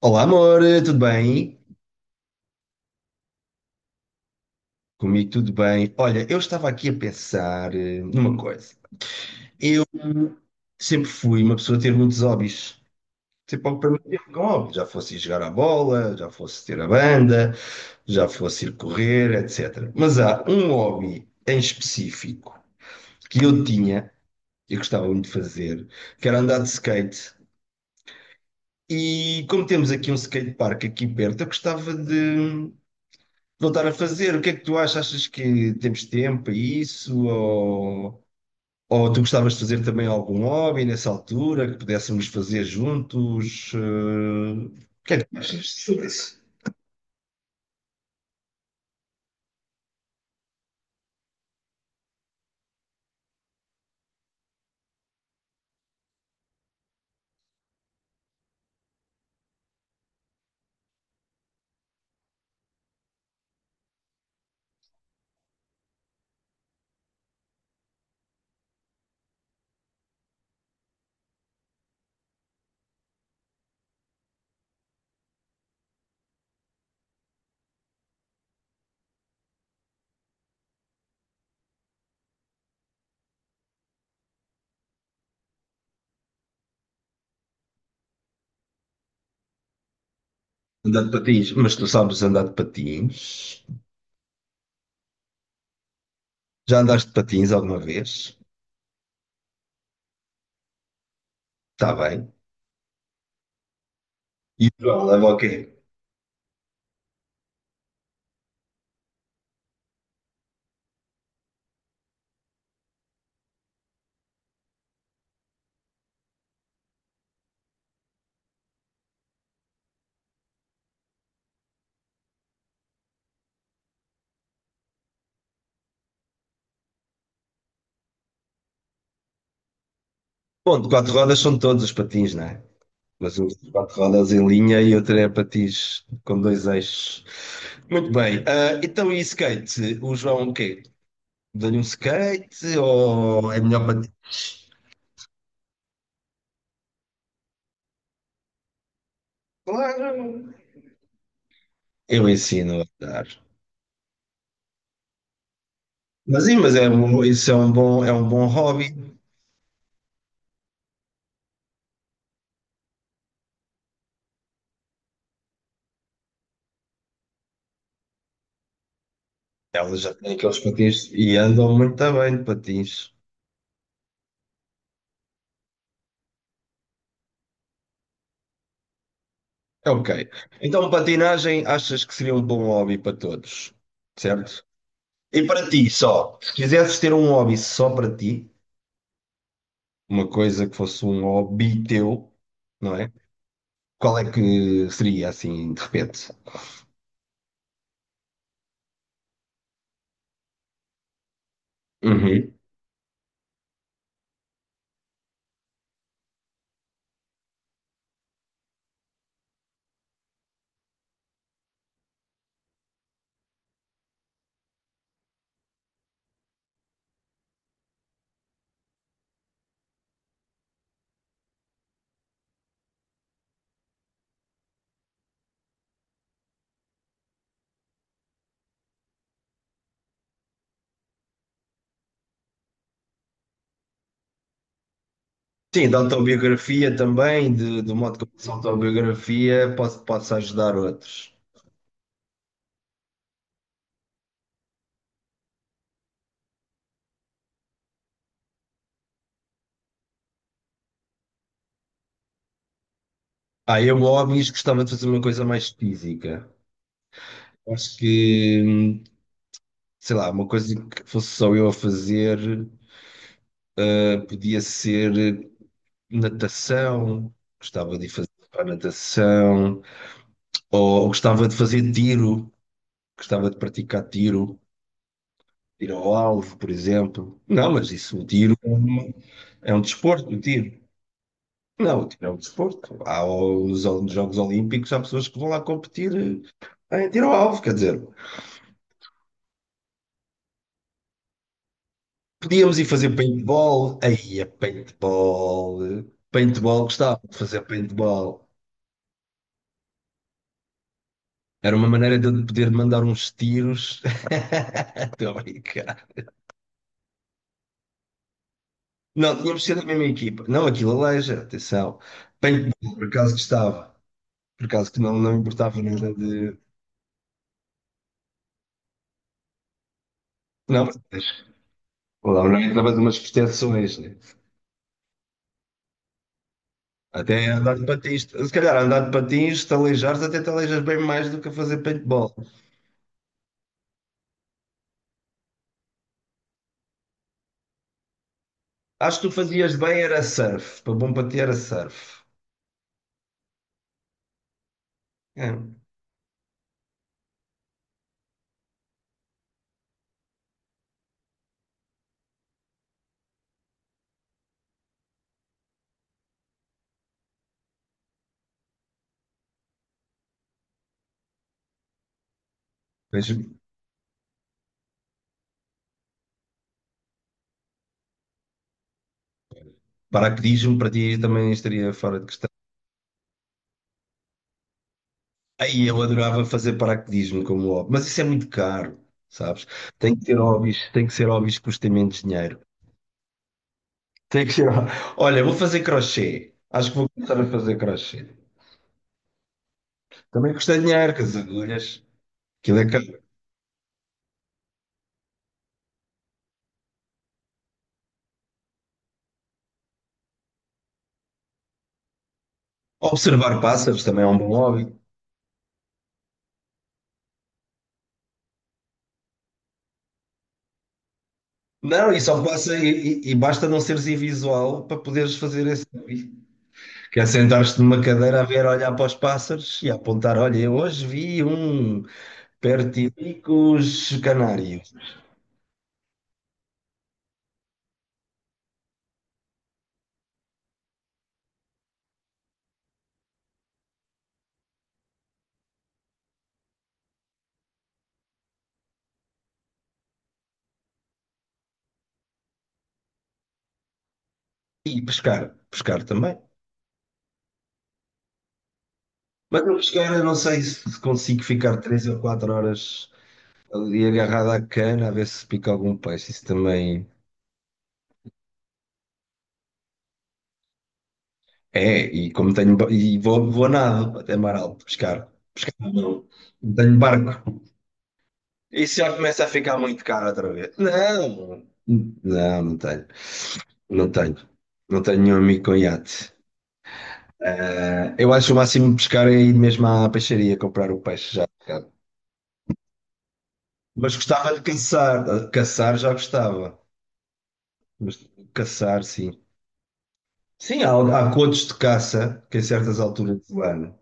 Olá, amor, tudo bem? Comigo tudo bem. Olha, eu estava aqui a pensar numa coisa. Eu sempre fui uma pessoa a ter muitos hobbies. Sempre algo para mim ter com hobbies. Já fosse ir jogar à bola, já fosse ter a banda, já fosse ir correr, etc. Mas há um hobby em específico que eu tinha, eu gostava muito de fazer, que era andar de skate. E como temos aqui um skatepark aqui perto, eu gostava de voltar a fazer. O que é que tu achas? Achas que temos tempo para isso? Ou tu gostavas de fazer também algum hobby nessa altura que pudéssemos fazer juntos? Achas sobre isso? Andar de patins, mas tu sabes andar de patins? Já andaste de patins alguma vez? Está bem. E o João leva o quê? Bom, de quatro rodas são todos os patins, não é? Mas um de quatro rodas em linha e outro é patins com dois eixos. Muito bem. Ah, então, e skate? O João, o quê? Dou-lhe um skate ou é melhor para ti? Claro, eu ensino a dar. Mas sim, mas é, isso é um bom hobby. Elas já têm aqueles patins e andam muito bem de patins. É ok. Então, patinagem achas que seria um bom hobby para todos, certo? E para ti só, se quisesses ter um hobby só para ti, uma coisa que fosse um hobby teu, não é? Qual é que seria assim, de repente? Uhum. Sim, da autobiografia também, de, do modo como essa autobiografia pode, pode ajudar outros. Ah, eu, óbvio, gostava de fazer uma coisa mais física. Acho que, sei lá, uma coisa que fosse só eu a fazer, podia ser natação, gostava de fazer para natação, ou gostava de fazer tiro, gostava de praticar tiro, tiro ao alvo, por exemplo. Não, mas isso, o tiro é um desporto, o tiro. Não, tirar o desporto. Há os Jogos Olímpicos, há pessoas que vão lá competir em tiro ao alvo, quer dizer, podíamos ir fazer paintball, paintball, gostava de fazer paintball. Era uma maneira de eu poder mandar uns tiros. Estou a brincar. Não, tínhamos de ser da mesma equipa. Não, aquilo aleija, atenção. Paintball, por acaso gostava. Por acaso que não, não importava nada de. Não, mas lá não é através de umas proteções, né? Até andar de patins. Se calhar andar de patins, te aleijares, até te aleijas bem mais do que a fazer paintball. Acho que tu fazias bem era surf. Para bom para ti era surf. É. Mas paraquedismo para ti também estaria fora de questão. Aí eu adorava fazer paraquedismo como hobby. Mas isso é muito caro, sabes? Tem que ter hobbies, tem que ser hobbies que custem menos dinheiro. Tem que ser. Olha, vou fazer crochê. Acho que vou começar a fazer crochê. Também custa dinheiro, com as agulhas. Aquilo é caro. Observar pássaros também é um bom hobby. Não, e só passa e basta não seres invisual para poderes fazer esse hobby. Que é sentar-te numa cadeira a ver, olhar para os pássaros e apontar, olha, eu hoje vi um pertilicus canário. E pescar, pescar também. Mas eu pescar, eu não sei se consigo ficar três ou quatro horas ali agarrado à cana a ver se pica algum peixe. Isso também é, e como tenho, e vou, vou a nado até mar alto pescar. Não, não tenho barco. Isso já começa a ficar muito caro outra vez. Não, não, não tenho. Não tenho. Não tenho nenhum amigo com iate. Ah, eu acho o máximo pescar é ir mesmo à peixaria comprar o peixe já. Mas gostava de caçar. Ah, caçar já gostava. Mas caçar, sim. Sim, há, há contos de caça que, em certas alturas do ano,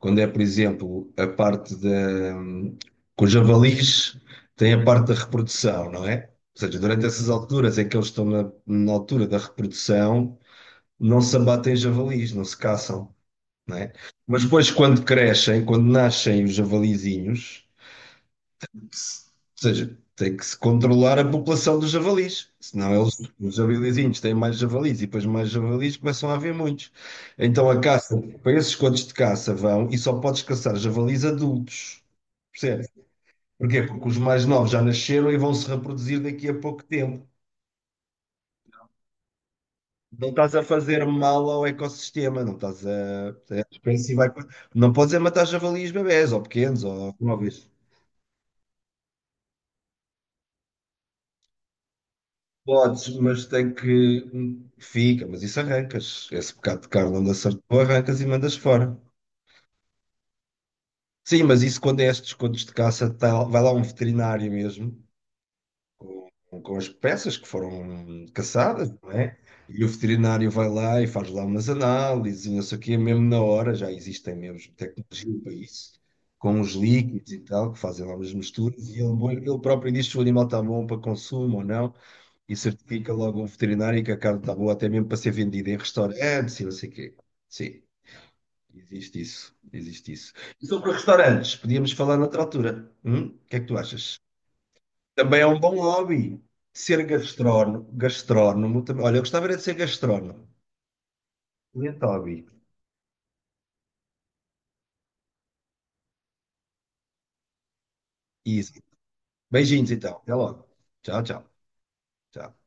quando é, por exemplo, a parte da. Com os javalis, tem a parte da reprodução, não é? Ou seja, durante essas alturas em que eles estão na, na altura da reprodução, não se abatem javalis, não se caçam, não é? Mas depois, quando crescem, quando nascem os javalizinhos. Ou seja, tem que se controlar a população dos javalis. Senão eles, os javalizinhos têm mais javalis e depois mais javalis começam a haver muitos. Então a caça, para esses cotos de caça vão e só podes caçar javalis adultos. Percebes? Porquê? Porque os mais novos já nasceram e vão se reproduzir daqui a pouco tempo. Não estás a fazer mal ao ecossistema, não estás a. A espécie vai. Não podes é matar javalis bebés ou pequenos ou novos. Podes, mas tem que. Fica, mas isso arrancas. Esse bocado de carne onde acertou, arrancas e mandas fora. Sim, mas isso quando é estes contos de caça, vai lá um veterinário mesmo, com as peças que foram caçadas, não é? E o veterinário vai lá e faz lá umas análises e não sei o quê, mesmo na hora, já existem mesmo tecnologia para isso, com os líquidos e tal, que fazem lá umas misturas, e ele próprio diz se o animal está bom para consumo ou não. E certifica logo o veterinário que a carne está boa, até mesmo para ser vendida em restaurantes e não sei o quê. Sim, existe isso, existe isso. E sobre restaurantes, podíamos falar noutra altura. Hum? O que é que tu achas? Também é um bom hobby. Ser gastrónomo, gastrónomo também. Olha, eu gostava era de ser gastrónomo. Excelente hobby. Isso. Beijinhos então. Até logo. Tchau, tchau. Tchau.